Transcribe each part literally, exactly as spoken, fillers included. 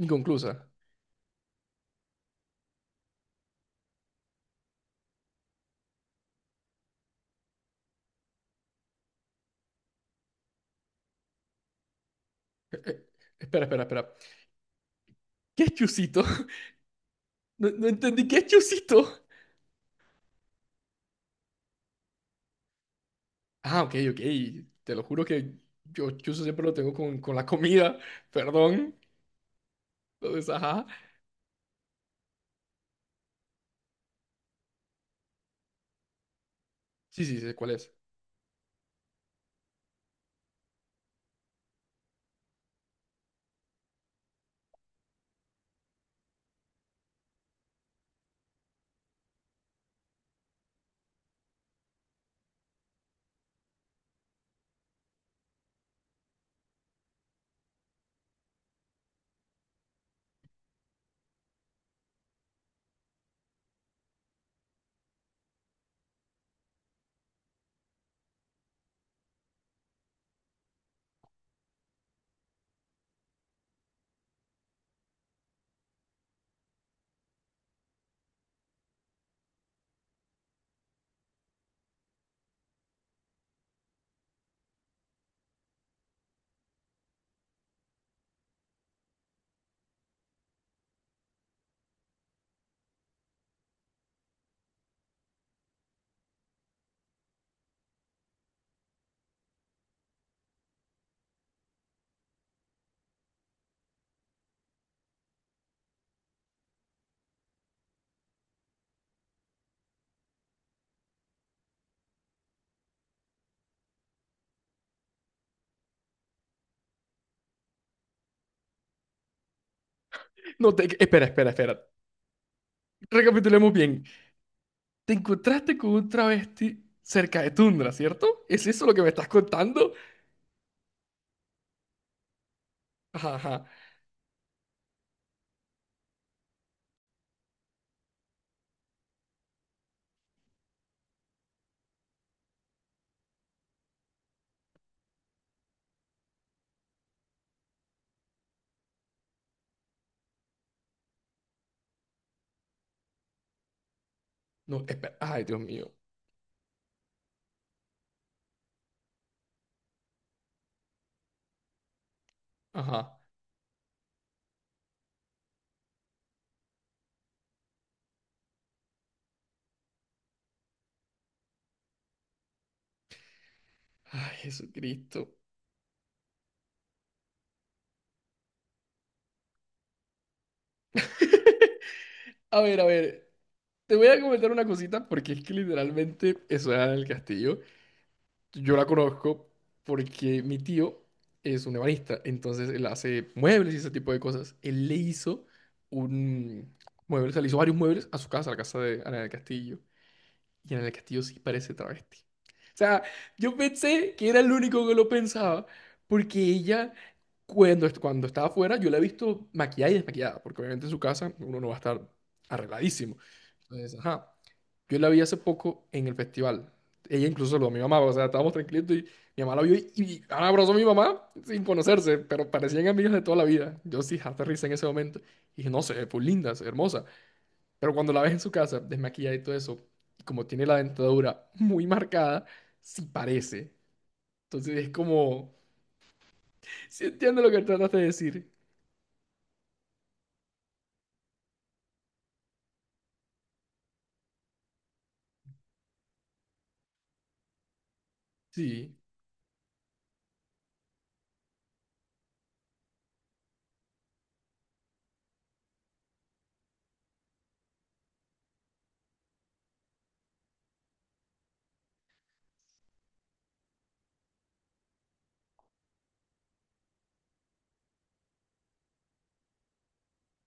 Inconclusa. Eh, eh, Espera, espera, espera. ¿Qué es Chusito? No, no entendí. ¿Qué es Chusito? Ah, ok, ok. Te lo juro que yo Chuso siempre lo tengo con, con la comida. Perdón. Entonces, ajá. Sí, sí, sé cuál es. No, te... espera, espera, espera. Recapitulemos bien. Te encontraste con un travesti cerca de Tundra, ¿cierto? ¿Es eso lo que me estás contando? Ajá, ajá. No, espera. Ay, Dios mío. Ajá. Ay, Jesucristo. A ver, a ver. Te voy a comentar una cosita porque es que literalmente eso era en el castillo. Yo la conozco porque mi tío es un ebanista, entonces él hace muebles y ese tipo de cosas. Él le hizo un mueble, o sea, le hizo varios muebles a su casa, a la casa de Ana del Castillo. Y Ana del Castillo sí parece travesti. O sea, yo pensé que era el único que lo pensaba porque ella, cuando, est- cuando estaba afuera, yo la he visto maquillada y desmaquillada, porque obviamente en su casa uno no va a estar arregladísimo. Entonces, ajá. Yo la vi hace poco en el festival. Ella incluso saludó a mi mamá, o sea, estábamos tranquilitos y mi mamá la vio y, y ahora abrazó a mi mamá sin conocerse, pero parecían amigas de toda la vida. Yo sí, hasta risa en ese momento. Y dije, no sé, fue linda, es hermosa. Pero cuando la ves en su casa, desmaquillada y todo eso, y como tiene la dentadura muy marcada, sí parece. Entonces es como, sí entiendo lo que trataste de decir. Sí.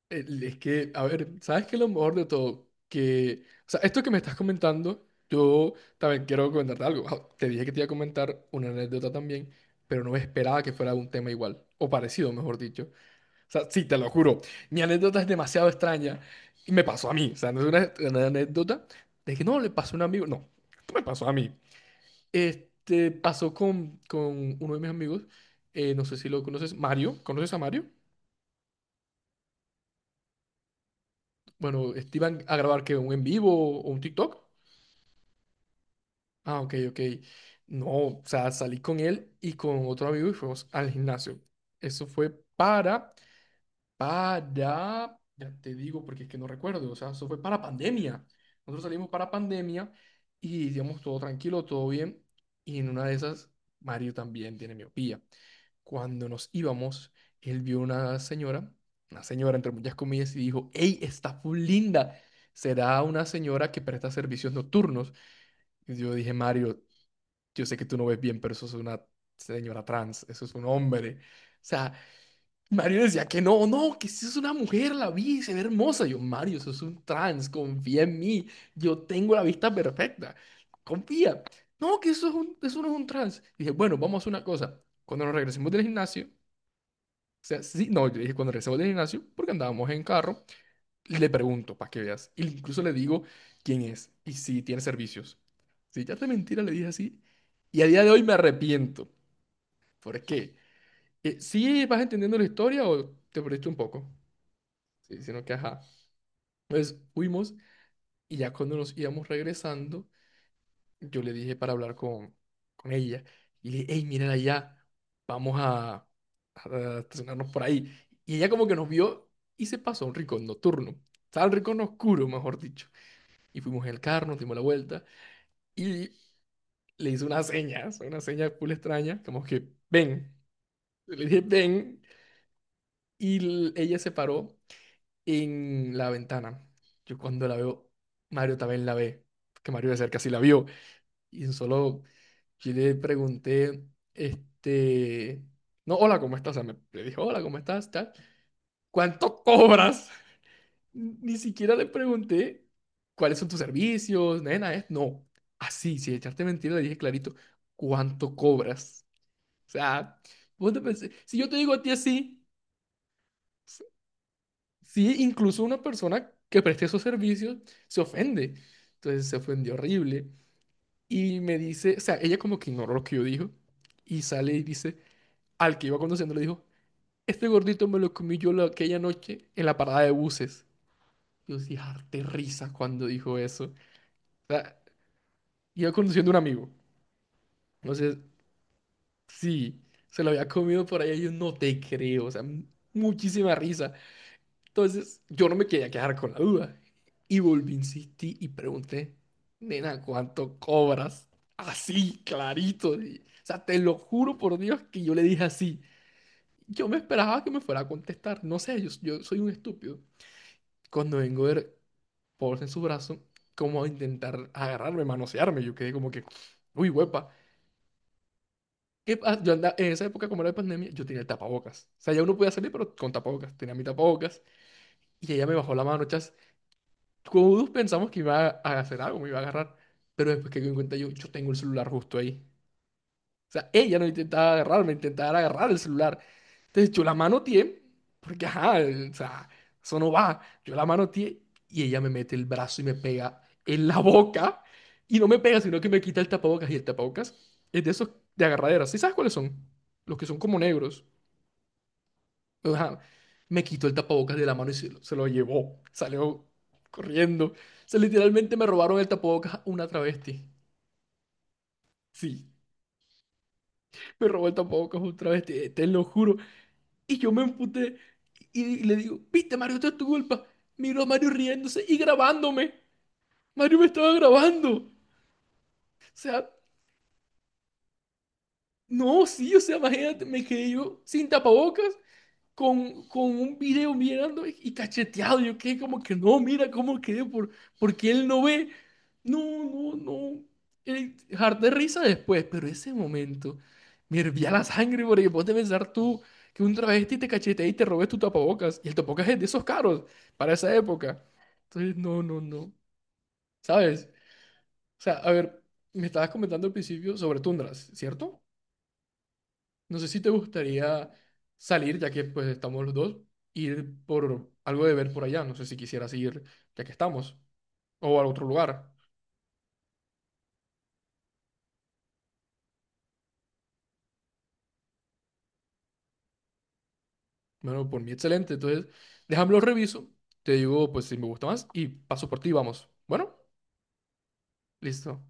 El- Es que, a ver, ¿sabes qué es lo mejor de todo? Que, o sea, esto que me estás comentando, yo también quiero comentarte algo. Ah, te dije que te iba a comentar una anécdota también, pero no esperaba que fuera un tema igual, o parecido, mejor dicho. O sea, sí, te lo juro, mi anécdota es demasiado extraña y me pasó a mí. O sea, no es una, una anécdota de que no le pasó a un amigo, no, esto me pasó a mí. Este, pasó con, con uno de mis amigos, eh, no sé si lo conoces, Mario, ¿conoces a Mario? Bueno, este, ¿iban a grabar que un en vivo o un TikTok? Ah, ok, ok. No, o sea, salí con él y con otro amigo y fuimos al gimnasio. Eso fue para para, ya te digo porque es que no recuerdo, o sea, eso fue para pandemia. Nosotros salimos para pandemia y digamos todo tranquilo, todo bien. Y en una de esas, Mario también tiene miopía. Cuando nos íbamos, él vio una señora, una señora entre muchas comillas, y dijo, ¡Ey, está full linda! Será una señora que presta servicios nocturnos. Y yo dije, Mario, yo sé que tú no ves bien, pero eso es una señora trans, eso es un hombre. O sea, Mario decía que no, no, que si es una mujer, la vi, se ve hermosa. Yo, Mario, sos un trans, confía en mí, yo tengo la vista perfecta, confía. No, que eso es un, eso no es un trans. Dije, bueno, vamos a hacer una cosa. Cuando nos regresemos del gimnasio, o sea, sí, no, yo dije, cuando regresemos del gimnasio, porque andábamos en carro, le pregunto, para que veas. Y incluso le digo quién es y si tiene servicios. Si ya te mentira, le dije así. Y a día de hoy me arrepiento. ¿Por qué? Eh, ¿sí vas entendiendo la historia o te perdiste un poco? Sí, sino que ajá. Entonces fuimos y ya cuando nos íbamos regresando, yo le dije para hablar con, con ella. Y le dije, hey, miren allá, vamos a, a estacionarnos por ahí. Y ella como que nos vio y se pasó a un rincón nocturno. Estaba el rincón oscuro, mejor dicho. Y fuimos en el carro, nos dimos la vuelta y le hice una seña, o sea, una seña full extraña, como que ven. Le dije, ven. Y l- ella se paró en la ventana. Yo cuando la veo, Mario también la ve, porque Mario de cerca sí la vio. Y solo yo le pregunté, este, no, hola, ¿cómo estás? O sea, me, le dije, hola, ¿cómo estás? Tal. ¿Cuánto cobras? Ni siquiera le pregunté cuáles son tus servicios, nena, es, no. Así, sin echarte mentira, le dije clarito, ¿cuánto cobras? O sea, vos te pensé, si yo te digo a ti así, sí, incluso una persona que preste esos servicios se ofende. Entonces se ofendió horrible. Y me dice, o sea, ella como que ignoró lo que yo dijo. Y sale y dice, al que iba conduciendo le dijo, este gordito me lo comí yo la- aquella noche en la parada de buses. Yo sí, harté risa cuando dijo eso. O sea, iba conduciendo un amigo. Entonces, sí, se lo había comido por ahí. Y yo no te creo. O sea, m- muchísima risa. Entonces, yo no me quería quedar con la duda. Y volví, insistí y pregunté, nena, ¿cuánto cobras? Así, clarito. Y- o sea, te lo juro por Dios que yo le dije así. Yo me esperaba que me fuera a contestar. No sé, yo, yo soy un estúpido. Cuando vengo a ver Paul en su brazo, como a intentar agarrarme, manosearme, yo quedé como que, uy, huepa. ¿Qué pa- Yo andaba, en esa época, como era de pandemia, yo tenía el tapabocas. O sea, ya uno podía salir, pero con tapabocas. Tenía mi tapabocas. Y ella me bajó la mano. Todos pensamos que iba a hacer algo, me iba a agarrar. Pero después que me di cuenta yo, yo tengo el celular justo ahí. O sea, ella no intentaba agarrarme, intentaba agarrar el celular. Entonces yo la manoteé, porque ajá, el- o sea, eso no va. Yo la manoteé y ella me mete el brazo y me pega en la boca. Y no me pega, sino que me quita el tapabocas. Y el tapabocas es de esos de agarradera. ¿Sí sabes cuáles son? Los que son como negros. O sea, me quitó el tapabocas de la mano y se lo, se lo llevó. Salió corriendo. O sea, literalmente me robaron el tapabocas una travesti. Sí, me robó el tapabocas un travesti, eh, te lo juro. Y yo me emputé y, y le digo, viste, Mario, esto es tu culpa. Miro a Mario riéndose y grabándome. Mario me estaba grabando. O sea, no, sí, o sea, imagínate, me quedé yo sin tapabocas con, con un video mirando y y cacheteado. Yo quedé como que no, mira cómo quedé, por, porque él no ve. No, no, no. Eh, harté risa después, pero ese momento me hervía la sangre porque vos puedes pensar tú que un travesti te cachetea y te robes tu tapabocas. Y el tapabocas es de esos caros para esa época. Entonces, no, no, no. ¿Sabes? O sea, a ver, me estabas comentando al principio sobre tundras, ¿cierto? No sé si te gustaría salir, ya que pues estamos los dos, ir por algo de ver por allá. No sé si quisieras ir, ya que estamos, o a otro lugar. Bueno, por mí excelente. Entonces, déjame lo reviso. Te digo, pues si me gusta más y paso por ti, vamos. Bueno, listo.